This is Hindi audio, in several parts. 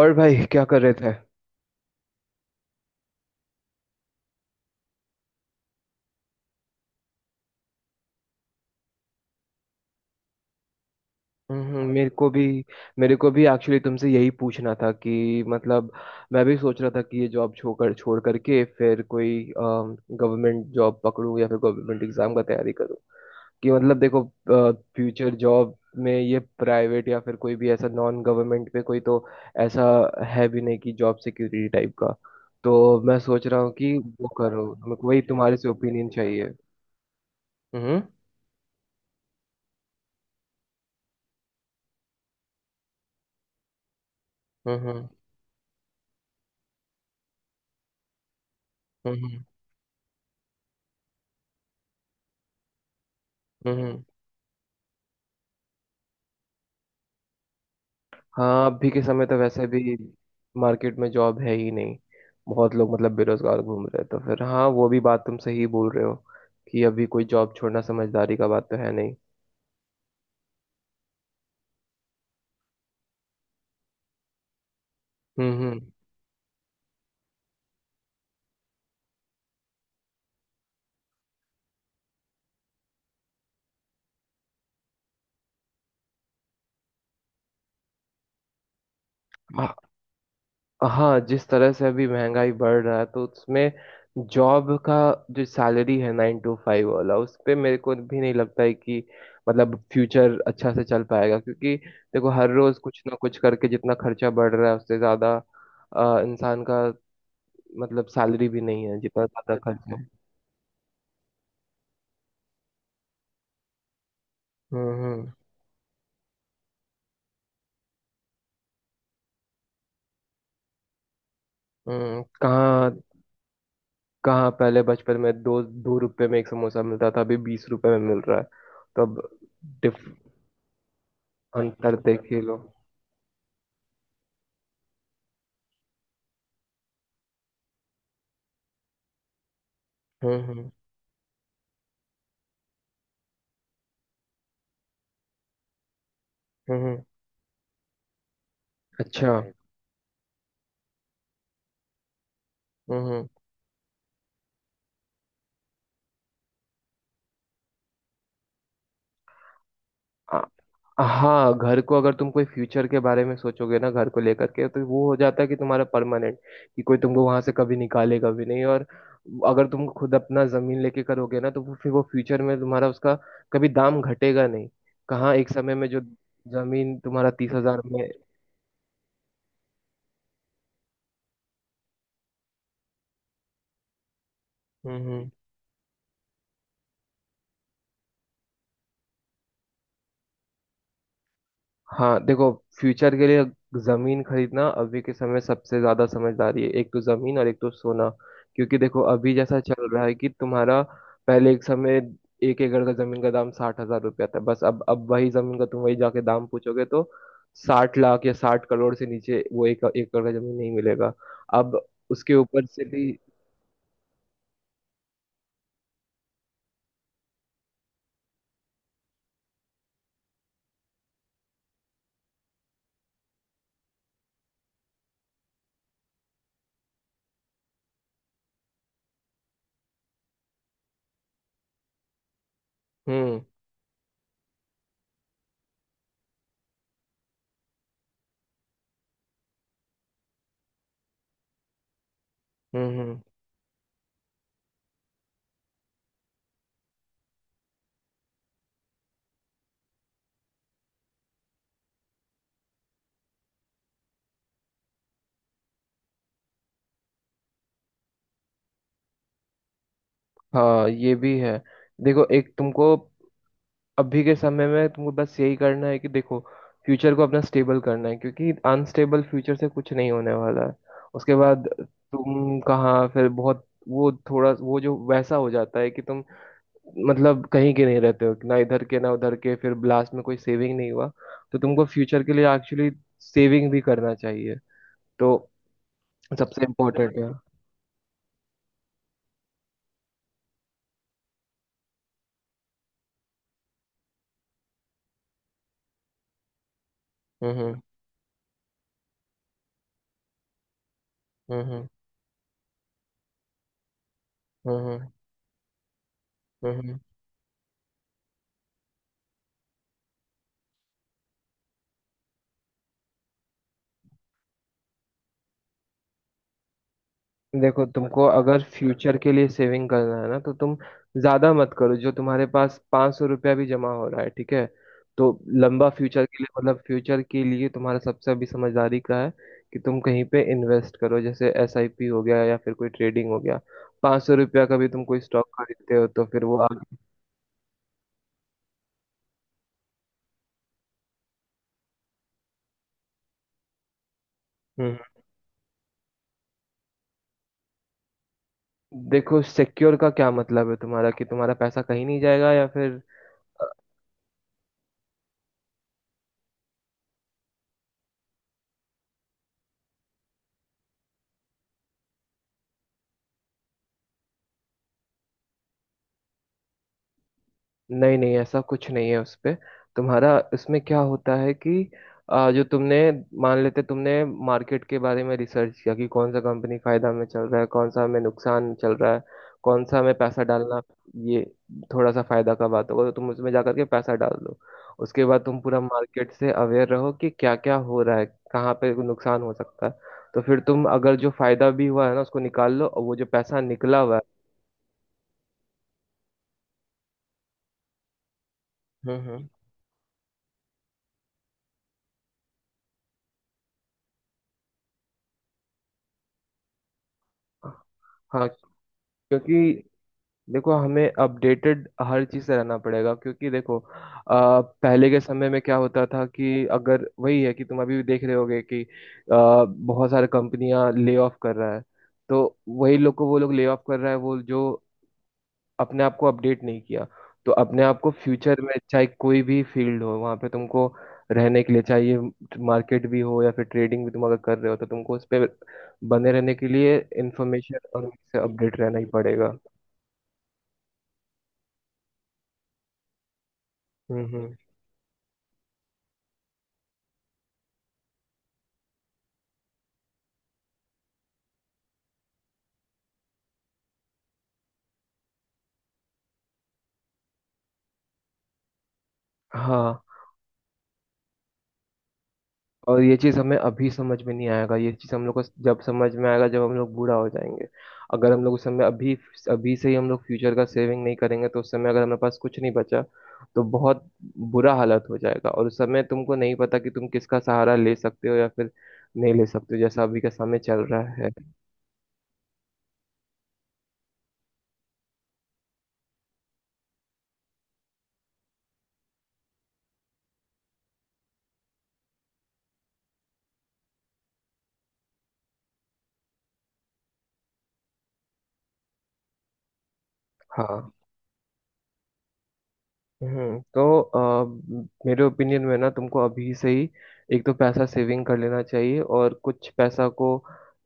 और भाई क्या कर रहे थे? मेरे को भी। मेरे को भी एक्चुअली तुमसे यही पूछना था कि मतलब, मैं भी सोच रहा था कि ये जॉब छोड़ छोड़ करके फिर कोई गवर्नमेंट जॉब पकड़ूं या फिर गवर्नमेंट एग्जाम का तैयारी करूं। कि मतलब देखो, फ्यूचर जॉब में ये प्राइवेट या फिर कोई भी ऐसा नॉन गवर्नमेंट पे कोई तो ऐसा है भी नहीं कि जॉब सिक्योरिटी टाइप का। तो मैं सोच रहा हूँ कि वो करूँ। मेरे को वही तुम्हारे से ओपिनियन चाहिए। हम्म हम्म। हम्म। हम्म। हाँ, अभी के समय तो वैसे भी मार्केट में जॉब है ही नहीं। बहुत लोग मतलब बेरोजगार घूम रहे हैं, तो फिर हाँ, वो भी बात तुम सही बोल रहे हो कि अभी कोई जॉब छोड़ना समझदारी का बात तो है नहीं। हम्म। हाँ। हाँ, जिस तरह से अभी महंगाई बढ़ रहा है तो उसमें जॉब का जो सैलरी है 9 to 5 वाला उस पे मेरे को भी नहीं लगता है कि मतलब फ्यूचर अच्छा से चल पाएगा। क्योंकि देखो, हर रोज कुछ ना कुछ करके जितना खर्चा बढ़ रहा है उससे ज्यादा इंसान का मतलब सैलरी भी नहीं है, जितना ज्यादा खर्च है। हम्म हम्म हम्म। कहाँ कहाँ, पहले बचपन में दो दो रुपए में एक समोसा मिलता था, अभी 20 रुपए में मिल रहा है। तो अब डिफ अंतर देख ही लो। हम्म हम्म हम्म। अच्छा। हम्म। आ- हाँ, घर को अगर तुम कोई फ्यूचर के बारे में सोचोगे ना, घर को लेकर के, तो वो हो जाता है कि तुम्हारा परमानेंट, कि कोई तुमको वहां से कभी निकालेगा भी नहीं। और अगर तुम खुद अपना जमीन लेके करोगे ना, तो वो फ्यूचर में तुम्हारा उसका कभी दाम घटेगा नहीं। कहाँ एक समय में जो जमीन तुम्हारा 30,000 में, हम्म। हाँ देखो, फ्यूचर के लिए जमीन खरीदना अभी के समय सबसे ज्यादा समझदारी है। एक तो जमीन और एक तो सोना, क्योंकि देखो अभी जैसा चल रहा है कि तुम्हारा पहले एक समय एक एकड़ का जमीन का दाम 60,000 रुपया था बस। अब वही जमीन का तुम वही जाके दाम पूछोगे तो 60 लाख या 60 करोड़ से नीचे वो एक एकड़ का जमीन नहीं मिलेगा। अब उसके ऊपर से भी, हम्म हम्म। हाँ ये भी है। देखो एक तुमको अभी के समय में तुमको बस यही करना है कि देखो, फ्यूचर को अपना स्टेबल करना है, क्योंकि अनस्टेबल फ्यूचर से कुछ नहीं होने वाला है। उसके बाद तुम कहाँ फिर बहुत वो थोड़ा वो जो वैसा हो जाता है कि तुम मतलब कहीं के नहीं रहते हो ना, इधर के ना उधर के, फिर लास्ट में कोई सेविंग नहीं हुआ। तो तुमको फ्यूचर के लिए एक्चुअली सेविंग भी करना चाहिए, तो सबसे इम्पोर्टेंट है। हम्म हम्म हम्म। हम्म। हम्म, हम्म। देखो, तुमको अगर फ्यूचर के लिए सेविंग करना है ना, तो तुम ज्यादा मत करो। जो तुम्हारे पास 500 रुपया भी जमा हो रहा है ठीक है, तो लंबा फ्यूचर के लिए, मतलब फ्यूचर के लिए तुम्हारा सबसे अभी समझदारी का है कि तुम कहीं पे इन्वेस्ट करो, जैसे एसआईपी हो गया या फिर कोई ट्रेडिंग हो गया। 500 रुपया का भी तुम कोई स्टॉक खरीदते हो तो फिर वो आगे, हम्म। देखो सिक्योर का क्या मतलब है तुम्हारा, कि तुम्हारा पैसा कहीं नहीं जाएगा या फिर? नहीं नहीं, ऐसा कुछ नहीं है उस पे। तुम्हारा इसमें क्या होता है कि जो तुमने, मान लेते तुमने मार्केट के बारे में रिसर्च किया कि कौन सा कंपनी फायदा में चल रहा है, कौन सा हमें नुकसान चल रहा है, कौन सा हमें पैसा डालना, ये थोड़ा सा फायदा का बात होगा, तो तुम उसमें जा करके पैसा डाल दो। उसके बाद तुम पूरा मार्केट से अवेयर रहो कि क्या क्या हो रहा है, कहाँ पे नुकसान हो सकता है। तो फिर तुम अगर जो फायदा भी हुआ है ना उसको निकाल लो, और वो जो पैसा निकला हुआ है, हम्म। हाँ, क्योंकि देखो हमें अपडेटेड हर चीज से रहना पड़ेगा, क्योंकि देखो पहले के समय में क्या होता था कि अगर वही है कि तुम अभी भी देख रहे होगे कि बहुत सारी कंपनियां ले ऑफ कर रहा है। तो वही लोग को वो लोग ले ऑफ कर रहा है, वो जो अपने आप को अपडेट नहीं किया। तो अपने आप को फ्यूचर में चाहे कोई भी फील्ड हो, वहां पे तुमको रहने के लिए चाहिए। मार्केट भी हो या फिर ट्रेडिंग भी तुम अगर कर रहे हो, तो तुमको उस पर बने रहने के लिए इंफॉर्मेशन और उससे अपडेट रहना ही पड़ेगा। हम्म। हाँ। और ये चीज हमें अभी समझ में नहीं आएगा, ये चीज हम लोग को जब समझ में आएगा जब हम लोग बूढ़ा हो जाएंगे। अगर हम लोग उस समय, अभी अभी से ही हम लोग फ्यूचर का सेविंग नहीं करेंगे तो उस समय अगर हमारे पास कुछ नहीं बचा, तो बहुत बुरा हालत हो जाएगा। और उस समय तुमको नहीं पता कि तुम किसका सहारा ले सकते हो या फिर नहीं ले सकते हो, जैसा अभी का समय चल रहा है। हाँ। हम्म, तो मेरे ओपिनियन में ना, तुमको अभी से ही एक तो पैसा सेविंग कर लेना चाहिए, और कुछ पैसा को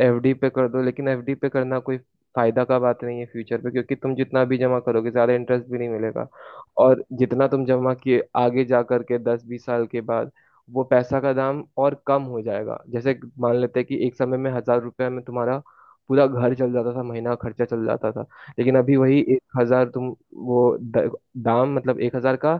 एफडी पे कर दो। लेकिन एफडी पे करना कोई फायदा का बात नहीं है फ्यूचर पे, क्योंकि तुम जितना भी जमा करोगे ज्यादा इंटरेस्ट भी नहीं मिलेगा। और जितना तुम जमा किए आगे जा करके 10-20 साल के बाद, वो पैसा का दाम और कम हो जाएगा। जैसे मान लेते हैं कि एक समय में 1,000 रुपये में तुम्हारा पूरा घर चल जाता था, महीना का खर्चा चल जाता था। लेकिन अभी वही 1,000 तुम, वो दाम मतलब 1,000 का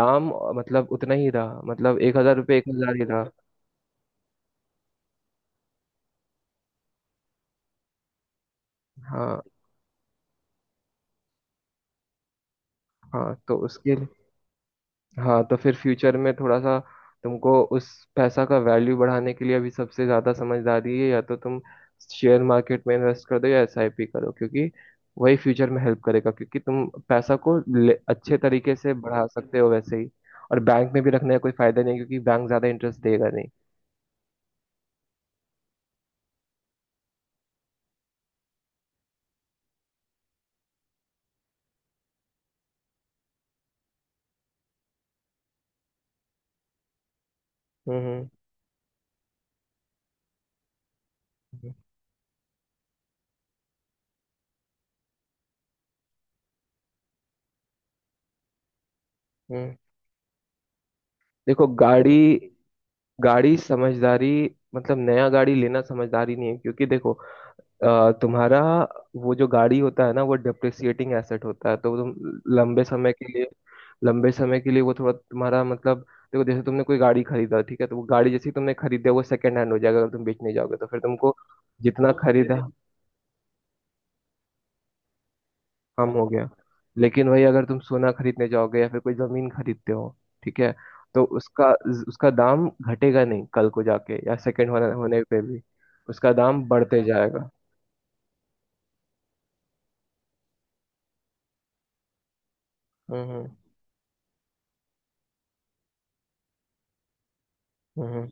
दाम मतलब उतना ही रहा, मतलब 1,000 रुपये 1,000 ही रहा। हाँ। हाँ तो उसके लिए, हाँ तो फिर फ्यूचर में थोड़ा सा तुमको उस पैसा का वैल्यू बढ़ाने के लिए अभी सबसे ज़्यादा समझदारी है, या तो तुम शेयर मार्केट में इन्वेस्ट कर दो या एसआईपी करो, क्योंकि वही फ्यूचर में हेल्प करेगा। क्योंकि तुम पैसा को अच्छे तरीके से बढ़ा सकते हो वैसे ही। और बैंक में भी रखने का कोई फायदा नहीं, क्योंकि बैंक ज़्यादा इंटरेस्ट देगा नहीं। हम्म हम्म, हम्म। हम्म। देखो गाड़ी, गाड़ी समझदारी, मतलब नया गाड़ी लेना समझदारी नहीं है, क्योंकि देखो तुम्हारा वो जो गाड़ी होता है ना, वो डिप्रिसिएटिंग एसेट होता है। तो तुम लंबे समय के लिए लंबे समय के लिए वो थोड़ा तुम्हारा मतलब, देखो जैसे तुमने कोई गाड़ी खरीदा ठीक है, तो वो गाड़ी जैसी तुमने खरीदा वो सेकंड हैंड हो जाएगा। अगर तुम बेचने जाओगे तो फिर तुमको जितना खरीदा कम हो गया। लेकिन वही अगर तुम सोना खरीदने जाओगे या फिर कोई जमीन खरीदते हो, ठीक है, तो उसका, उसका दाम घटेगा नहीं कल को जाके, या सेकंड होने होने पे भी उसका दाम बढ़ते जाएगा। हम्म हम्म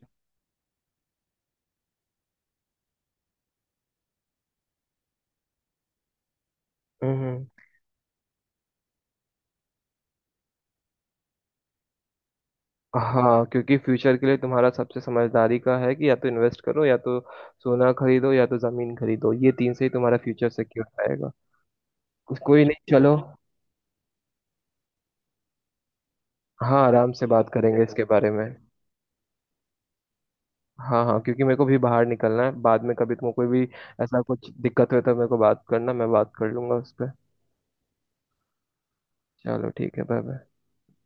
हम्म। हाँ, क्योंकि फ्यूचर के लिए तुम्हारा सबसे समझदारी का है कि या तो इन्वेस्ट करो, या तो सोना खरीदो, या तो जमीन खरीदो। ये तीन से ही तुम्हारा फ्यूचर सिक्योर रहेगा। कोई नहीं, चलो। हाँ, आराम से बात करेंगे इसके बारे में। हाँ हाँ, क्योंकि मेरे को भी बाहर निकलना है। बाद में कभी तुमको कोई भी ऐसा कुछ दिक्कत हो तो मेरे को बात करना, मैं बात कर लूंगा उस पर। चलो ठीक है, बाय बाय।